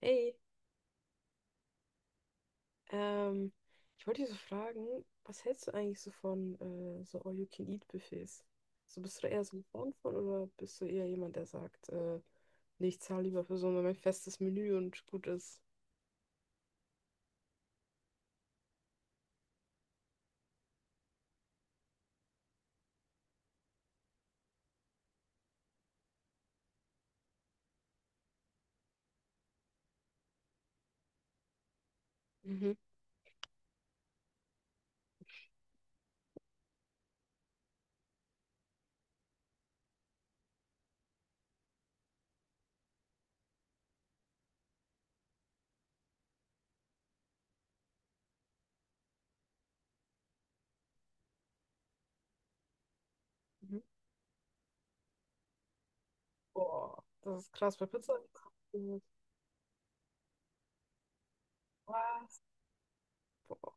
Hey, ähm, ich wollte dich so fragen, was hältst du eigentlich so von so All-You-Can-Eat-Buffets? So bist du da eher so ein Fan von oder bist du eher jemand, der sagt, nee, ich zahle lieber für so ein festes Menü und gut ist? Mhm, mhm. Boah, das ist krass bei Pizza. Was? Boah,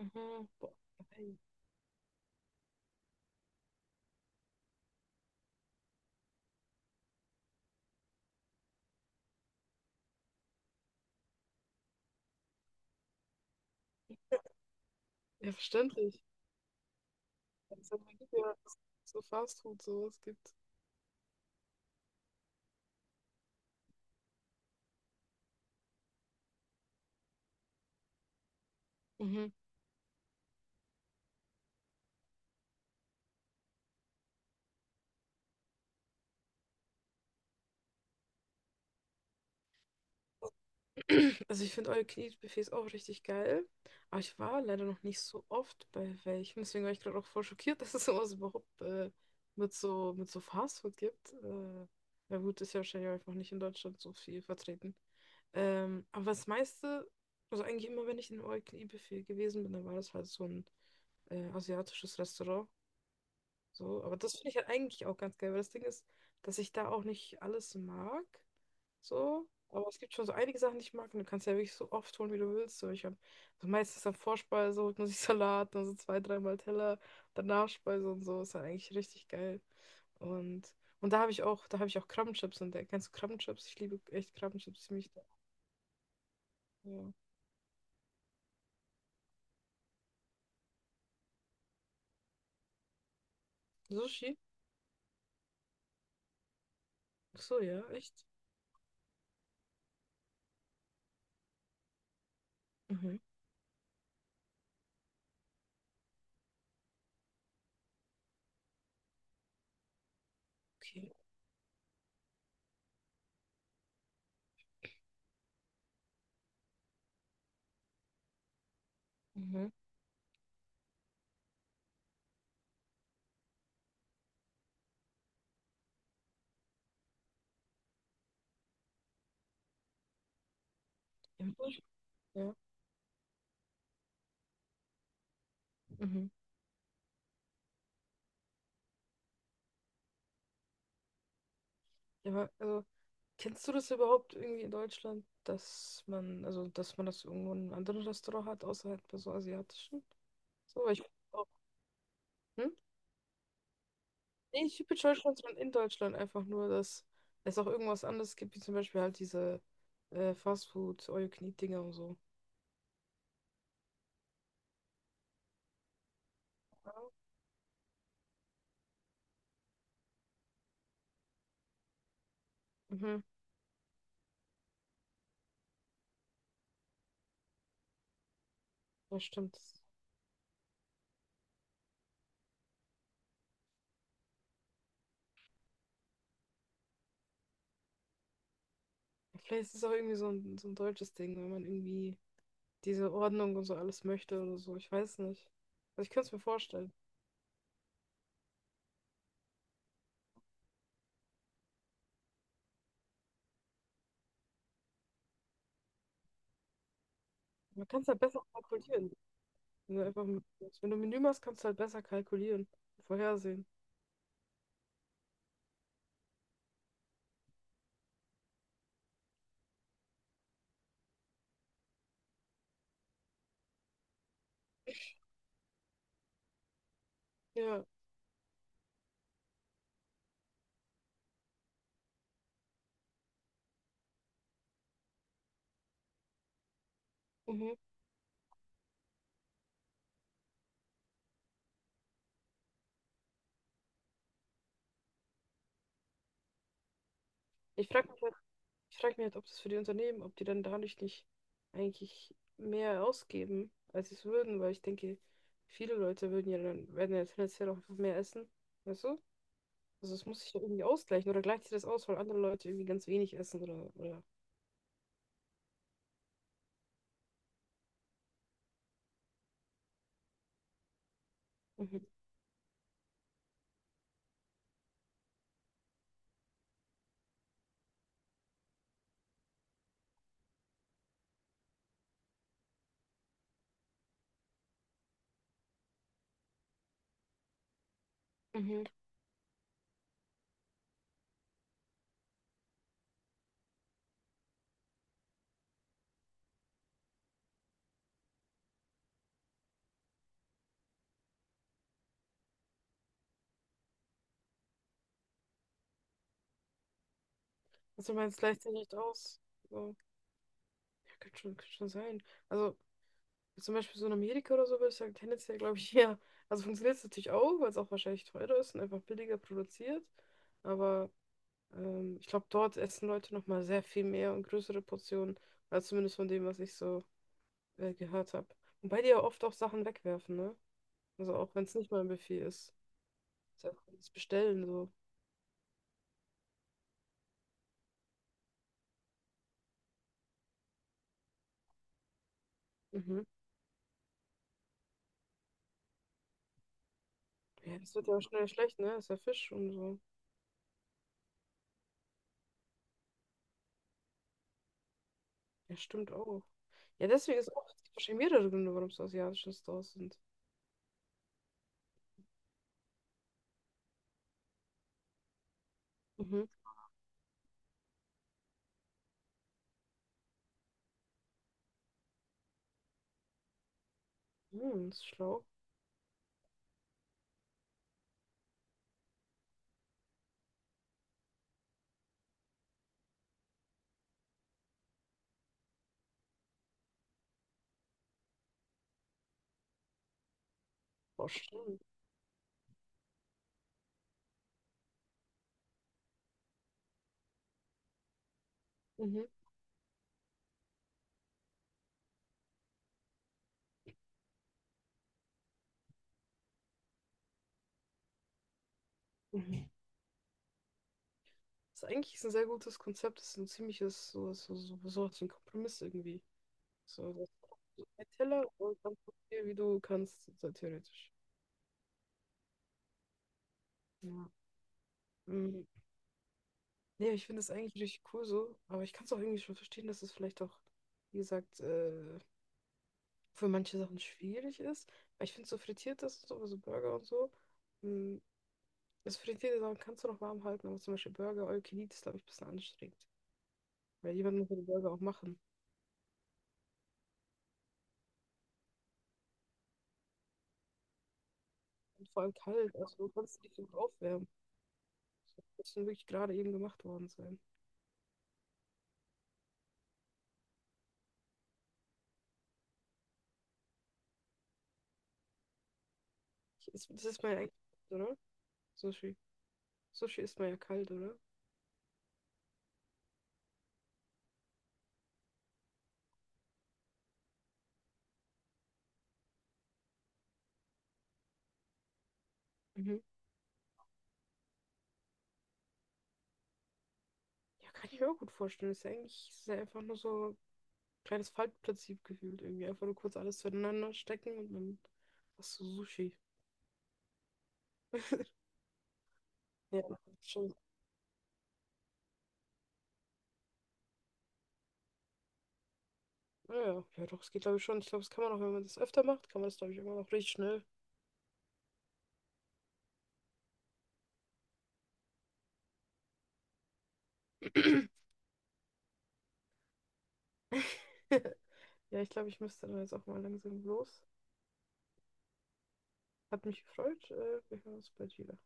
mhm, boah, nein. Ja, verständlich. Wenn es halt mal gibt, ja, dass es so Fast Food sowas gibt. Also ich finde all you can eat Buffets auch richtig geil. Aber ich war leider noch nicht so oft bei welchen. Deswegen war ich gerade auch voll schockiert, dass es sowas überhaupt mit so Fastfood gibt. Ja gut, ist ja wahrscheinlich auch einfach nicht in Deutschland so viel vertreten. Aber das meiste, also eigentlich immer, wenn ich in einem all you can eat Buffet gewesen bin, dann war das halt so ein asiatisches Restaurant. So, aber das finde ich halt eigentlich auch ganz geil, weil das Ding ist, dass ich da auch nicht alles mag. So. Aber es gibt schon so einige Sachen, die ich mag. Und du kannst ja wirklich so oft holen, wie du willst. So, ich habe also meistens am Vorspeise, holt man sich Salat, dann so zwei, dreimal Teller, dann Nachspeise und so. Ist dann eigentlich richtig geil. Und, und da habe ich auch, da habe ich auch Krabbenchips entdeckt. Kennst du Krabbenchips? Ich liebe echt Krabbenchips ziemlich. Ja. Sushi? Ach so, ja, echt? Mhm. Okay. Mhm. Ja. Sushi? Ja. Mhm. Ja, aber, also, kennst du das überhaupt irgendwie in Deutschland, dass man, also dass man das irgendwo in einem anderen Restaurant hat, außer halt bei so asiatischen? So, ich. Oh, hm? Nee, nicht typisch Deutschland, sondern in Deutschland einfach nur, dass es auch irgendwas anderes gibt, wie zum Beispiel halt diese Fastfood, All-You-Can-Eat-Dinger und so. Ja. Mhm, das stimmt. Ja, vielleicht ist es auch irgendwie so ein deutsches Ding, wenn man irgendwie diese Ordnung und so alles möchte oder so. Ich weiß nicht. Also ich könnte es mir vorstellen. Man kann es halt besser kalkulieren. Wenn du einfach, wenn du ein Menü machst, kannst du halt besser kalkulieren, vorhersehen. Ja, mhm. Ich frage mich halt Ich frage mich halt, ob das für die Unternehmen, ob die dann dadurch nicht eigentlich mehr ausgeben, als sie es würden, weil ich denke, viele Leute würden ja dann, werden ja tendenziell auch einfach mehr essen. Weißt du? Also es muss sich ja irgendwie ausgleichen oder gleicht sich das aus, weil andere Leute irgendwie ganz wenig essen oder, oder. Mhm. Mhm. Also du meinst, gleicht sich nicht aus. So. Ja, kann schon sein. Also zum Beispiel so in Amerika oder so würde ich sagen, tendenziell glaube ich, ja. Also funktioniert es natürlich auch, weil es auch wahrscheinlich teurer ist und einfach billiger produziert. Aber ich glaube, dort essen Leute nochmal sehr viel mehr und größere Portionen, als zumindest von dem, was ich so gehört habe. Wobei die ja oft auch Sachen wegwerfen, ne? Also auch wenn es nicht mal ein Buffet ist. Ist ja auch das Bestellen so. Mhm. Ja, das wird ja auch schnell schlecht, ne? Ist ja Fisch und so. Ja, stimmt auch. Ja, deswegen ist auch es gibt wahrscheinlich mehrere Gründe, warum es asiatische Stores sind. Mhm. Hm, das ist schlau. Boah, stimmt. Mhm. Mhm. Das ist eigentlich ein sehr gutes Konzept. Das ist ein ziemliches, so, so, so, so was wie ein Kompromiss irgendwie. So, das ist ein Teller und dann guck dir, wie du kannst, so theoretisch. Ja. Mm, ja, ich finde es eigentlich richtig cool so, aber ich kann es auch irgendwie schon verstehen, dass es vielleicht auch, wie gesagt, für manche Sachen schwierig ist. Aber ich finde so frittiertes und so, also Burger und so, mh, das frittierte Sachen kannst du noch warm halten, aber zum Beispiel Burger, All You Can Eat ist, glaube ich, ein bisschen anstrengend. Weil jemand muss ja die Burger auch machen. Und vor allem kalt, also du kannst nicht so gut aufwärmen. Das muss wirklich gerade eben gemacht worden sein. Ich, ist, das ist mein eigenes, oder? So schwierig. Sushi isst man ja kalt, oder? Mhm. Ja, kann ich mir auch gut vorstellen. Ist ja eigentlich ist ja einfach nur so ein kleines Faltprinzip gefühlt irgendwie. Einfach nur kurz alles zueinander stecken und dann hast du Sushi. Ja, schon. Ja, ja, doch, es geht, glaube ich, schon. Ich glaube, das kann man auch, wenn man das öfter macht, kann man das, glaube ich, immer noch richtig schnell. Ja, ich glaube, ich müsste dann jetzt auch mal langsam los. Hat mich gefreut. Wir hören uns bald wieder.